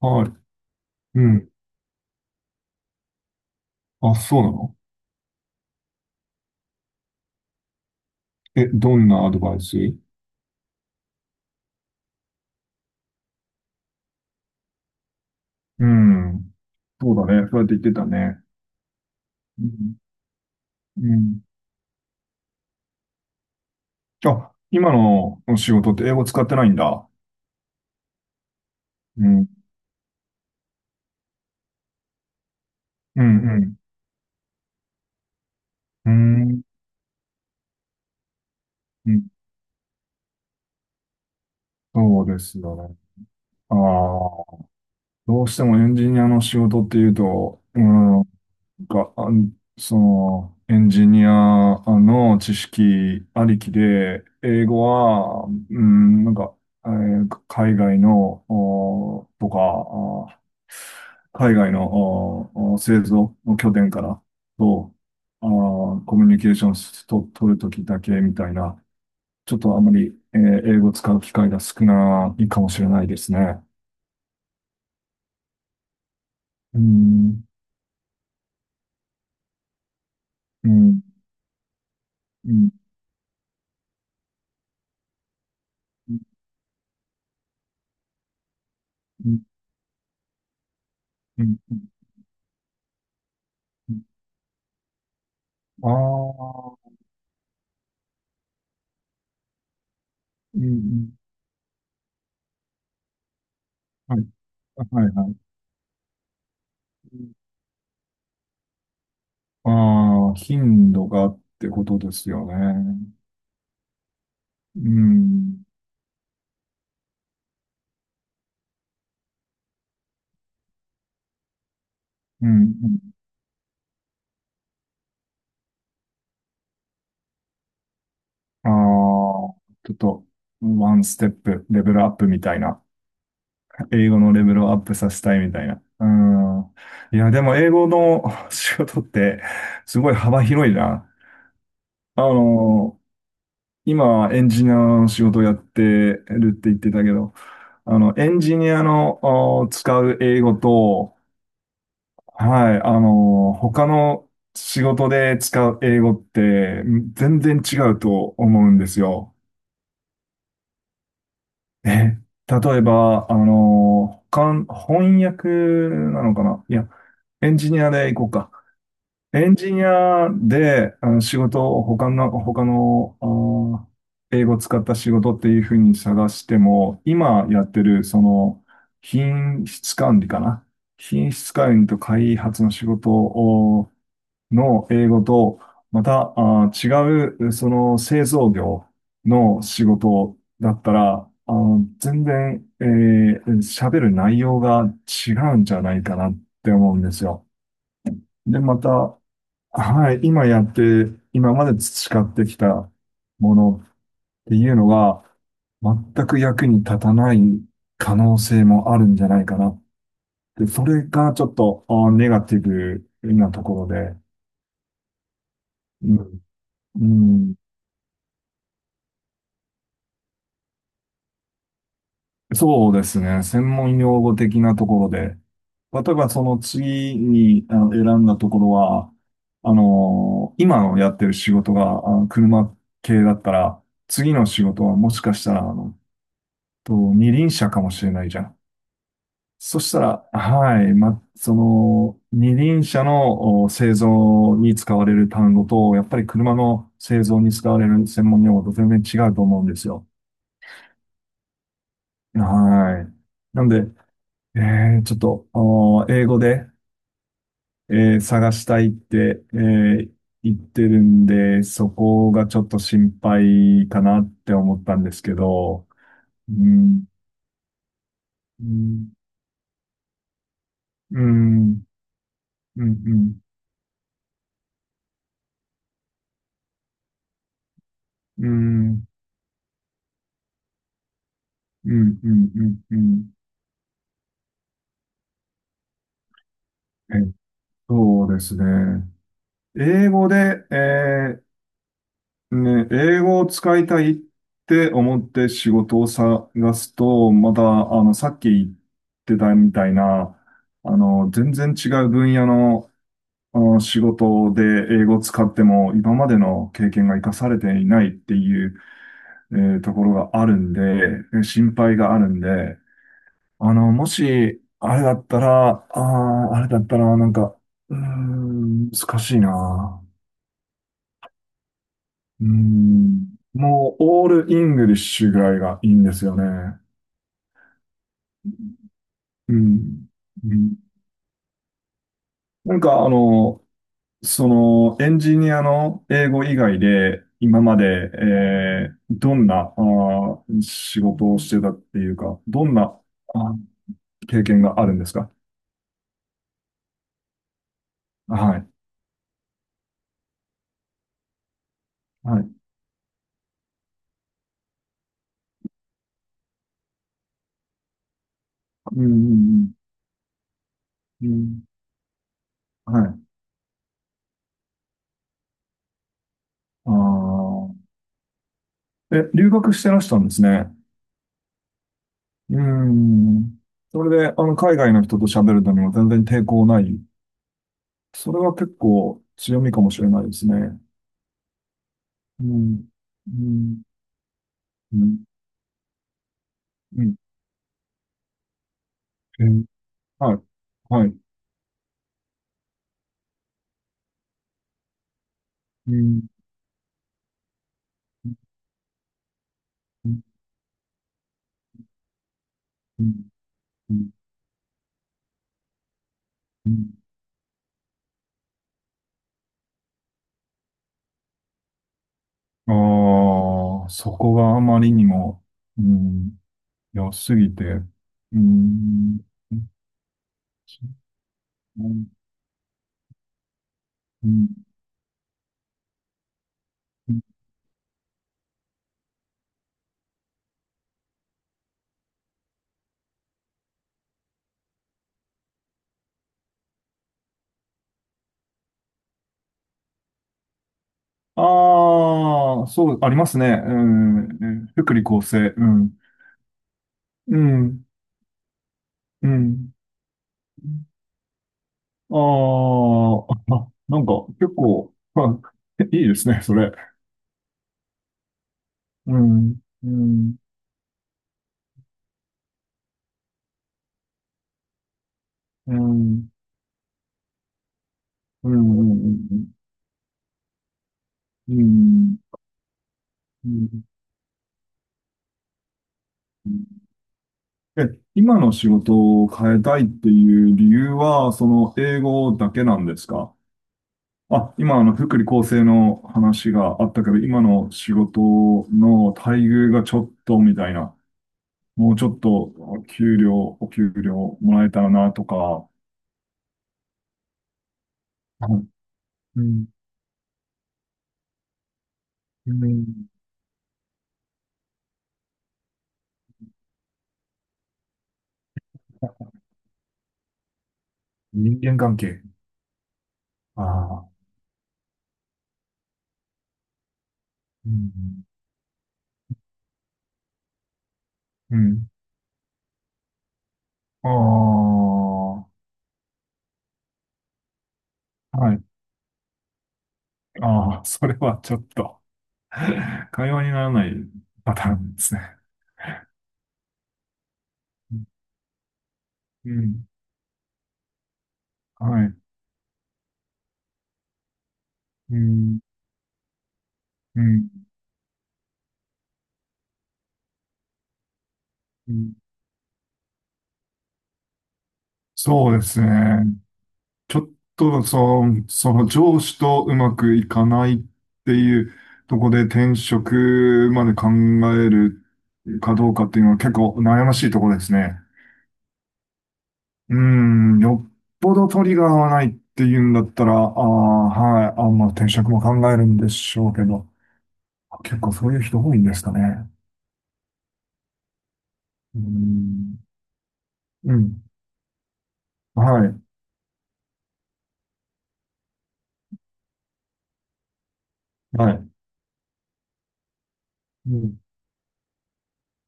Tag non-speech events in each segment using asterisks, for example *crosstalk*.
はい。うん。あ、そうなの？え、どんなアドバイス？うん。そうだね。そうやって言ってたね。うん。うん。あ、今の仕事って英語使ってないんだ。うん。うん、うん。うん。うん。そうですよね。ああ、どうしてもエンジニアの仕事っていうと、うん、なんか、エンジニアの知識ありきで、英語は、うん、なんか、えー海外の、おとか、あ海外のお製造の拠点からと、あーコミュニケーションと取るときだけみたいな、ちょっとあまり、英語を使う機会が少ないかもしれないですね。うん、うん、うん、うん、うん、うん。ああ。うん。うん。はい。はいはい。ああ、頻度がってことですよね。うん。うん。うん。ああー、ちょっと、ワンステップ、レベルアップみたいな。英語のレベルをアップさせたいみたいな。うん。いや、でも英語の *laughs* 仕事って、すごい幅広いな。あの、今、エンジニアの仕事をやってるって言ってたけど、あの、エンジニアの使う英語と、はい。あの、他の仕事で使う英語って全然違うと思うんですよ。え、例えば、あの、他、翻訳なのかな、いや、エンジニアで行こうか。エンジニアで、あの、仕事を他の、ー英語を使った仕事っていうふうに探しても、今やってる、その、品質管理かな。品質管理と開発の仕事の英語と、また、違う、その製造業の仕事だったら、全然、喋る内容が違うんじゃないかなって思うんですよ。で、また、はい、今まで培ってきたものっていうのが、全く役に立たない可能性もあるんじゃないかなって、それがちょっと、ネガティブなところで、うん。うん。そうですね。専門用語的なところで。例えばその次にあの選んだところは、あの、今のやってる仕事があの車系だったら、次の仕事はもしかしたら、あの、二輪車かもしれないじゃん。そしたら、はい、ま、その、二輪車の製造に使われる単語と、やっぱり車の製造に使われる専門用語と全然違うと思うんですよ。はい。なんで、えちょっと、あの、英語で、探したいって、言ってるんで、そこがちょっと心配かなって思ったんですけど、うん、うん、うん、うん、うん、うん、うん、うん、うん、うん。えそうですね。英語で、英語を使いたいって思って仕事を探すと、また、あの、さっき言ってたみたいな、あの、全然違う分野の、あの仕事で英語を使っても、今までの経験が活かされていないっていう、ところがあるんで、心配があるんで、あの、もし、あれだったら、なんか、うーん、難しいな。うん。もう、オールイングリッシュぐらいがいいんですよね。うん。うん。なんか、あの、その、エンジニアの英語以外で、今まで、どんな、仕事をしてたっていうか、どんな、あ、経験があるんですか？はい。はい。うん、うん、うん。うん。はい。ああ。え、留学してらしたんですね。うん。それで、あの、海外の人と喋るのにも全然抵抗ない。それは結構強みかもしれないですね。うん。うん。うん。うん。えーはい。はい。うん。うん。うん。うん。うん。ああー、そこがあまりにも、うん、良すぎて、うん。うん。うん。ああー、そう、ありますね。うん。うん。福利厚生。うん。うん。うん。ああ、なんか結構、いいですね、それ。うん、うん、うん、うん、うん、うん、うん。うん。え、今の仕事を変えたいっていう理由は、その英語だけなんですか？あ、今あの福利厚生の話があったけど、今の仕事の待遇がちょっとみたいな、もうちょっと給料、お給料もらえたらなとか、うん、うん、人間関係。ああ、うん、うん。ああ、はい。ああ、*laughs* それはちょっと、会話にならないパターンですね。うん、はい。うん、うん、うん。そうですね。ちょっと、その上司とうまくいかないっていうとこで転職まで考えるかどうかっていうのは結構悩ましいところですね。うーん、よっぽどトリガーはないっていうんだったら、ああ、はい、あ、まあ、転職も考えるんでしょうけど、結構そういう人多いんですかね？うーん、うん、はい、はい、うん、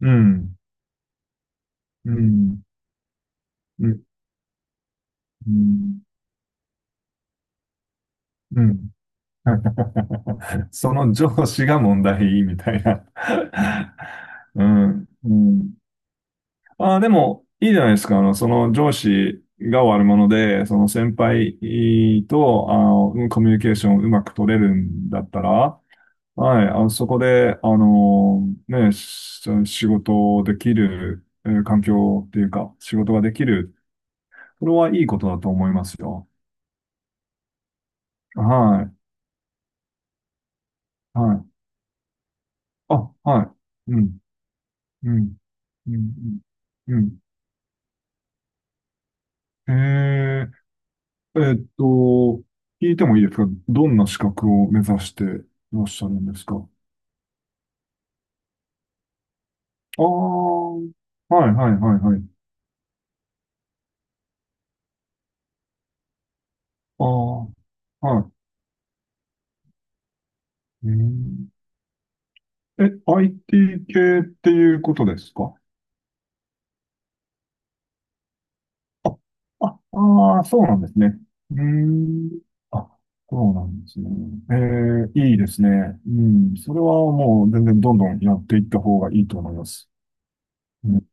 うん、うん、うん、うん、うん。*laughs* その上司が問題みたいな。*laughs* うん、うん。ああ、でも、いいじゃないですか。あの、その上司が悪者で、その先輩と、あの、コミュニケーションをうまく取れるんだったら、はい、あの、そこで、あの、ね、仕事できる、環境っていうか、仕事ができる。これはいいことだと思いますよ。はい、はい。あ、はい。うん、うん、うん、うん。うん。へえ。えーっと、聞いてもいいですか？どんな資格を目指していらっしゃるんですか？ああー、はい、はい、はい、はい。ああ、はい。うん、え、IT 系っていうことですか？あ、あそうなんですね。うーん。あ、そうなんですね。えいいですね。うん。それはもう全然どんどんやっていった方がいいと思います。うん